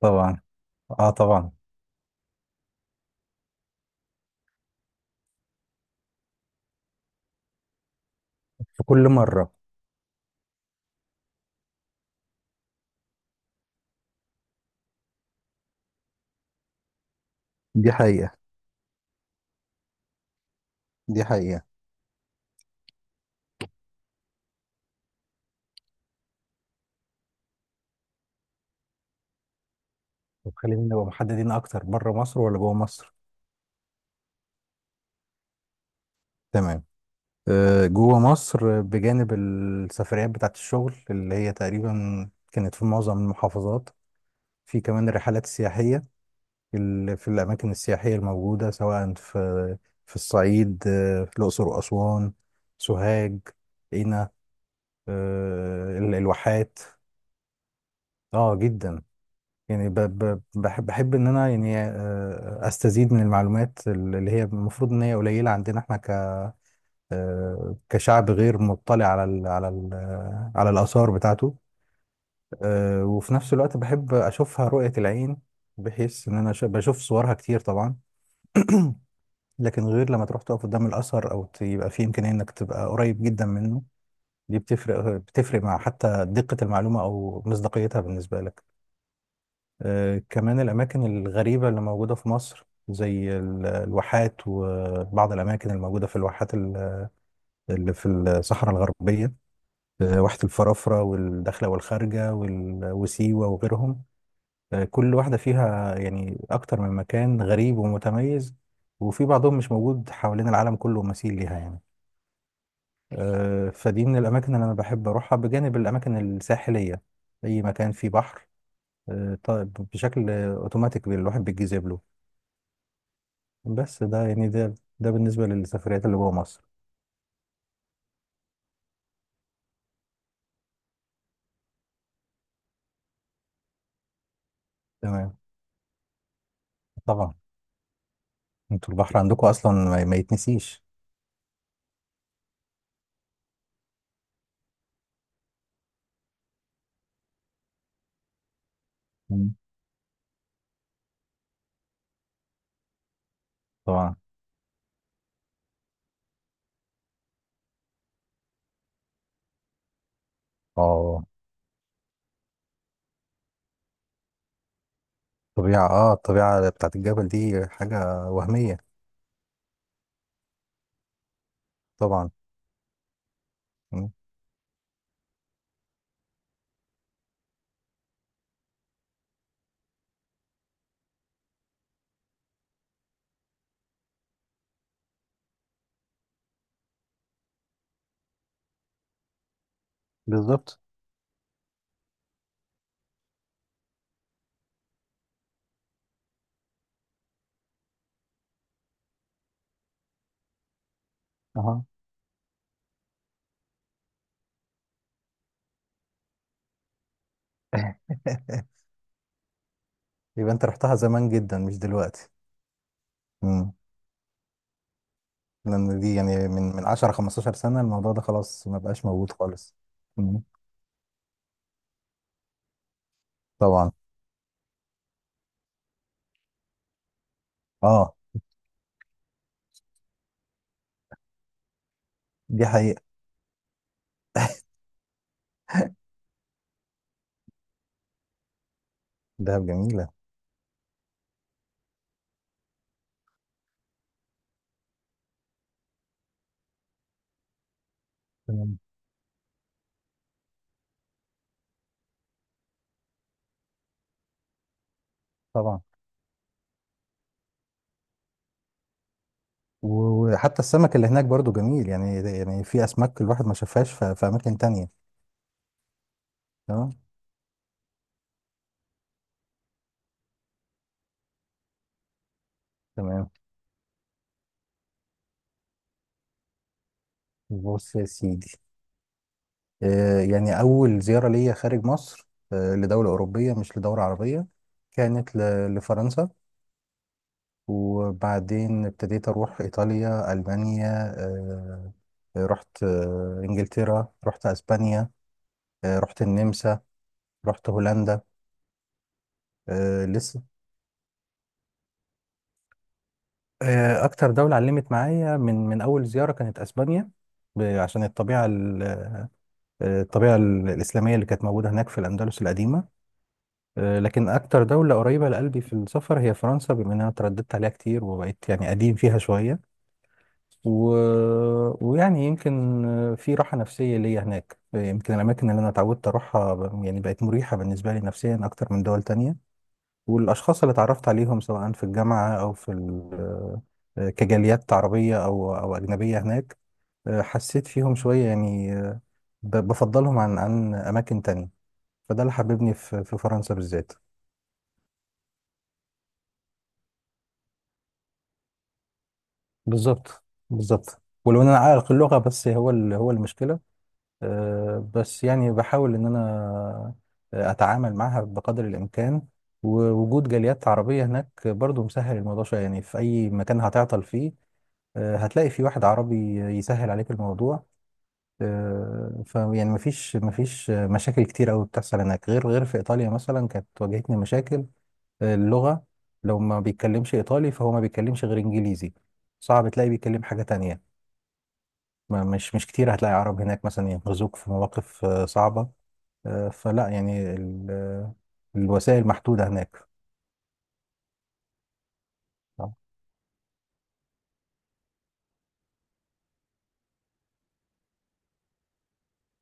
طبعا. اه طبعا. في كل مرة. دي حقيقة. دي حقيقة. طب خلينا نبقى محددين اكتر، بره مصر ولا جوه مصر؟ تمام. جوه مصر، بجانب السفريات بتاعت الشغل اللي هي تقريبا كانت في معظم المحافظات، في كمان الرحلات السياحية. في الأماكن السياحية الموجودة، سواء في الصعيد، في الأقصر وأسوان، سوهاج، قنا، الواحات. اه جدا. يعني بحب ان انا، يعني، استزيد من المعلومات اللي هي المفروض ان هي قليله عندنا، احنا ك كشعب غير مطلع على ال على ال على الاثار بتاعته. وفي نفس الوقت بحب اشوفها رؤيه العين، بحيث ان انا بشوف صورها كتير طبعا. لكن غير لما تروح تقف قدام الاثر او يبقى في امكانيه انك تبقى قريب جدا منه. دي بتفرق مع حتى دقه المعلومه او مصداقيتها بالنسبه لك. كمان الأماكن الغريبة اللي موجودة في مصر، زي الواحات وبعض الأماكن الموجودة في الواحات اللي في الصحراء الغربية. واحة الفرافرة والداخلة والخارجة وسيوة وغيرهم. كل واحدة فيها يعني أكتر من مكان غريب ومتميز، وفي بعضهم مش موجود حوالين العالم كله مثيل ليها، يعني. فدي من الأماكن اللي أنا بحب أروحها، بجانب الأماكن الساحلية. أي مكان فيه بحر، طيب، بشكل اوتوماتيك الواحد بيتجذب له. بس ده يعني ده ده بالنسبة للسفريات اللي جوه مصر. تمام. طبعا. انتوا البحر عندكم اصلا، ما يتنسيش. مم. طبعا. اه الطبيعة، الطبيعة بتاعت الجبل دي حاجة وهمية. طبعا. مم. بالظبط. اها. يبقى انت رحتها زمان جدا، مش دلوقتي. مم. لان دي يعني من 10 15 سنة، الموضوع ده خلاص ما بقاش موجود خالص. مم. طبعا. اه دي حقيقة. دهب جميلة. تمام. طبعا. وحتى السمك اللي هناك برضو جميل، يعني في اسماك الواحد ما شافهاش في اماكن تانية. تمام. تمام. بص يا سيدي، يعني اول زيارة ليا خارج مصر، لدولة اوروبية مش لدولة عربية، كانت لفرنسا، وبعدين ابتديت اروح ايطاليا، المانيا، آه رحت انجلترا، رحت اسبانيا، رحت النمسا، رحت هولندا. لسه أكتر دولة علمت معايا من أول زيارة كانت أسبانيا، عشان الطبيعة الإسلامية اللي كانت موجودة هناك في الأندلس القديمة. لكن أكتر دولة قريبة لقلبي في السفر هي فرنسا، بما إن أنا ترددت عليها كتير وبقيت يعني قديم فيها شوية، و... ويعني يمكن، في راحة نفسية ليا هناك، يمكن الأماكن اللي أنا اتعودت أروحها يعني بقت مريحة بالنسبة لي نفسيا أكتر من دول تانية، والأشخاص اللي اتعرفت عليهم سواء في الجامعة أو في ال- آه، كجاليات عربية أو أجنبية هناك. حسيت فيهم شوية، يعني، بفضلهم عن أماكن تانية. فده اللي حببني في فرنسا بالذات. بالظبط. بالظبط، ولو إن أنا عائق اللغة بس هو، هو المشكلة. بس يعني بحاول إن أنا أتعامل معها بقدر الإمكان. ووجود جاليات عربية هناك برضو مسهل الموضوع شوية، يعني في أي مكان هتعطل فيه هتلاقي في واحد عربي يسهل عليك الموضوع. فيعني مفيش مشاكل كتير قوي بتحصل هناك، غير في ايطاليا مثلا كانت واجهتني مشاكل. اللغه، لو ما بيتكلمش ايطالي فهو ما بيتكلمش غير انجليزي، صعب تلاقي بيتكلم حاجه تانية. ما مش كتير هتلاقي عرب هناك مثلا ينقذوك في مواقف صعبه. آه، فلا يعني ال- آه، الوسائل محدوده هناك. اه.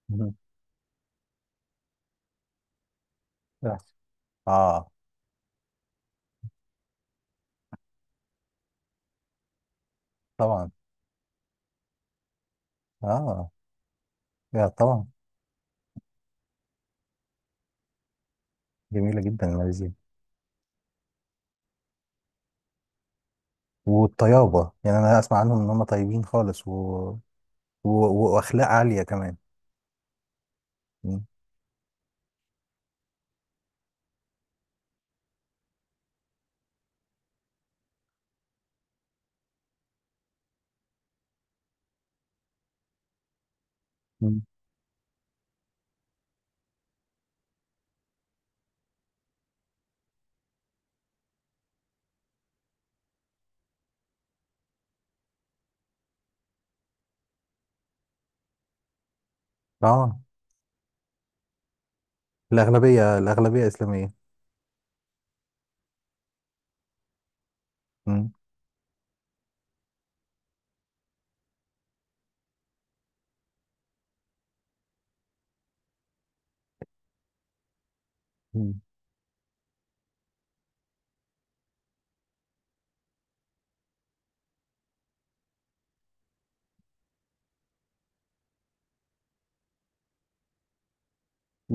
مهم. آه، طبعا. اه يا طبعا. جميله جدا ماليزيا. والطيابة، يعني أنا أسمع عنهم إن هم طيبين خالص، و... و... وأخلاق عالية كمان. مم. مم. آه الأغلبية إسلامية. مم. مم.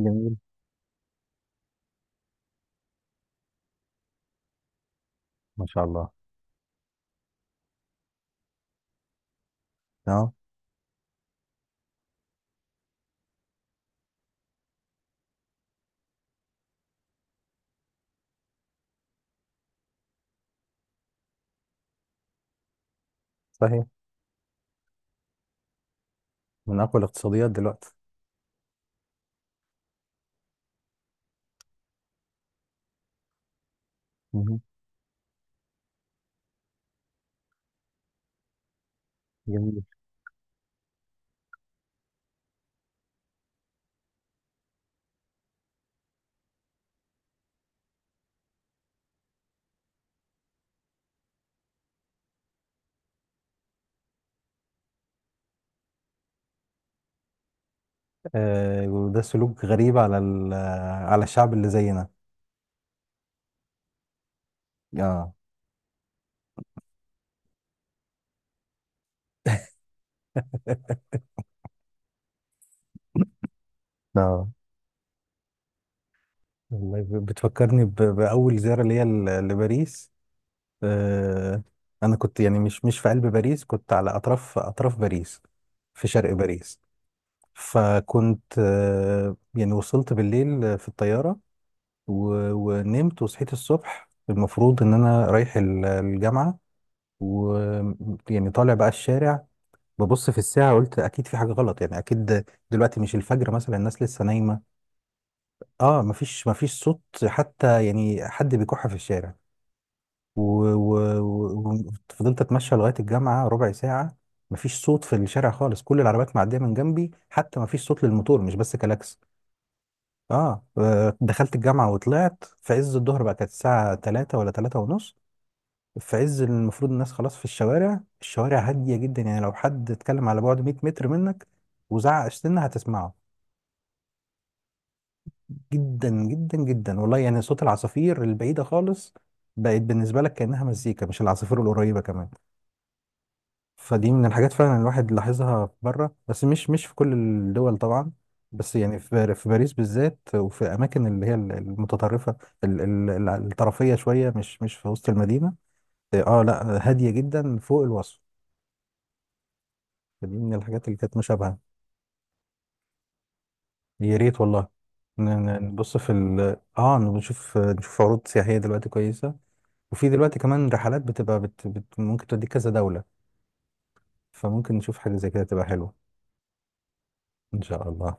جميل. ما شاء الله. آه صحيح. من أقوى الاقتصاديات دلوقتي. مم. جميل. وده سلوك غريب على على الشعب اللي زينا. آه. اه، والله بتفكرني بأول زيارة ليا لباريس. آه، انا كنت يعني مش في قلب باريس، كنت على اطراف باريس، في شرق باريس. فكنت، يعني وصلت بالليل في الطياره، ونمت، وصحيت الصبح، المفروض ان انا رايح الجامعه، ويعني طالع بقى الشارع، ببص في الساعه قلت اكيد في حاجه غلط، يعني اكيد دلوقتي مش الفجر مثلا، الناس لسه نايمه. اه، مفيش صوت حتى يعني حد بيكح في الشارع. وفضلت اتمشى لغايه الجامعه ربع ساعه، مفيش صوت في الشارع خالص، كل العربيات معديه من جنبي، حتى مفيش صوت للموتور، مش بس كلاكس. اه، دخلت الجامعه وطلعت في عز الظهر، بقى كانت الساعه 3 ولا 3 ونص، في عز المفروض الناس خلاص في الشوارع، الشوارع هاديه جدا، يعني لو حد اتكلم على بعد 100 متر منك وزعق سنه هتسمعه. جدا جدا جدا والله، يعني صوت العصافير البعيده خالص بقت بالنسبه لك كانها مزيكا، مش العصافير القريبه كمان. فدي من الحاجات فعلا الواحد لاحظها بره، بس مش في كل الدول طبعا، بس يعني في باريس بالذات، وفي اماكن اللي هي المتطرفه، الطرفيه شويه، مش في وسط المدينه. اه، لا هاديه جدا فوق الوصف. دي من الحاجات اللي كانت مشابهه. يا ريت والله. ن- نبص في ال اه نشوف نشوف عروض سياحيه دلوقتي كويسه. وفي دلوقتي كمان رحلات ممكن توديك كذا دوله، فممكن نشوف حاجه زي كده تبقى حلوه. ان شاء الله.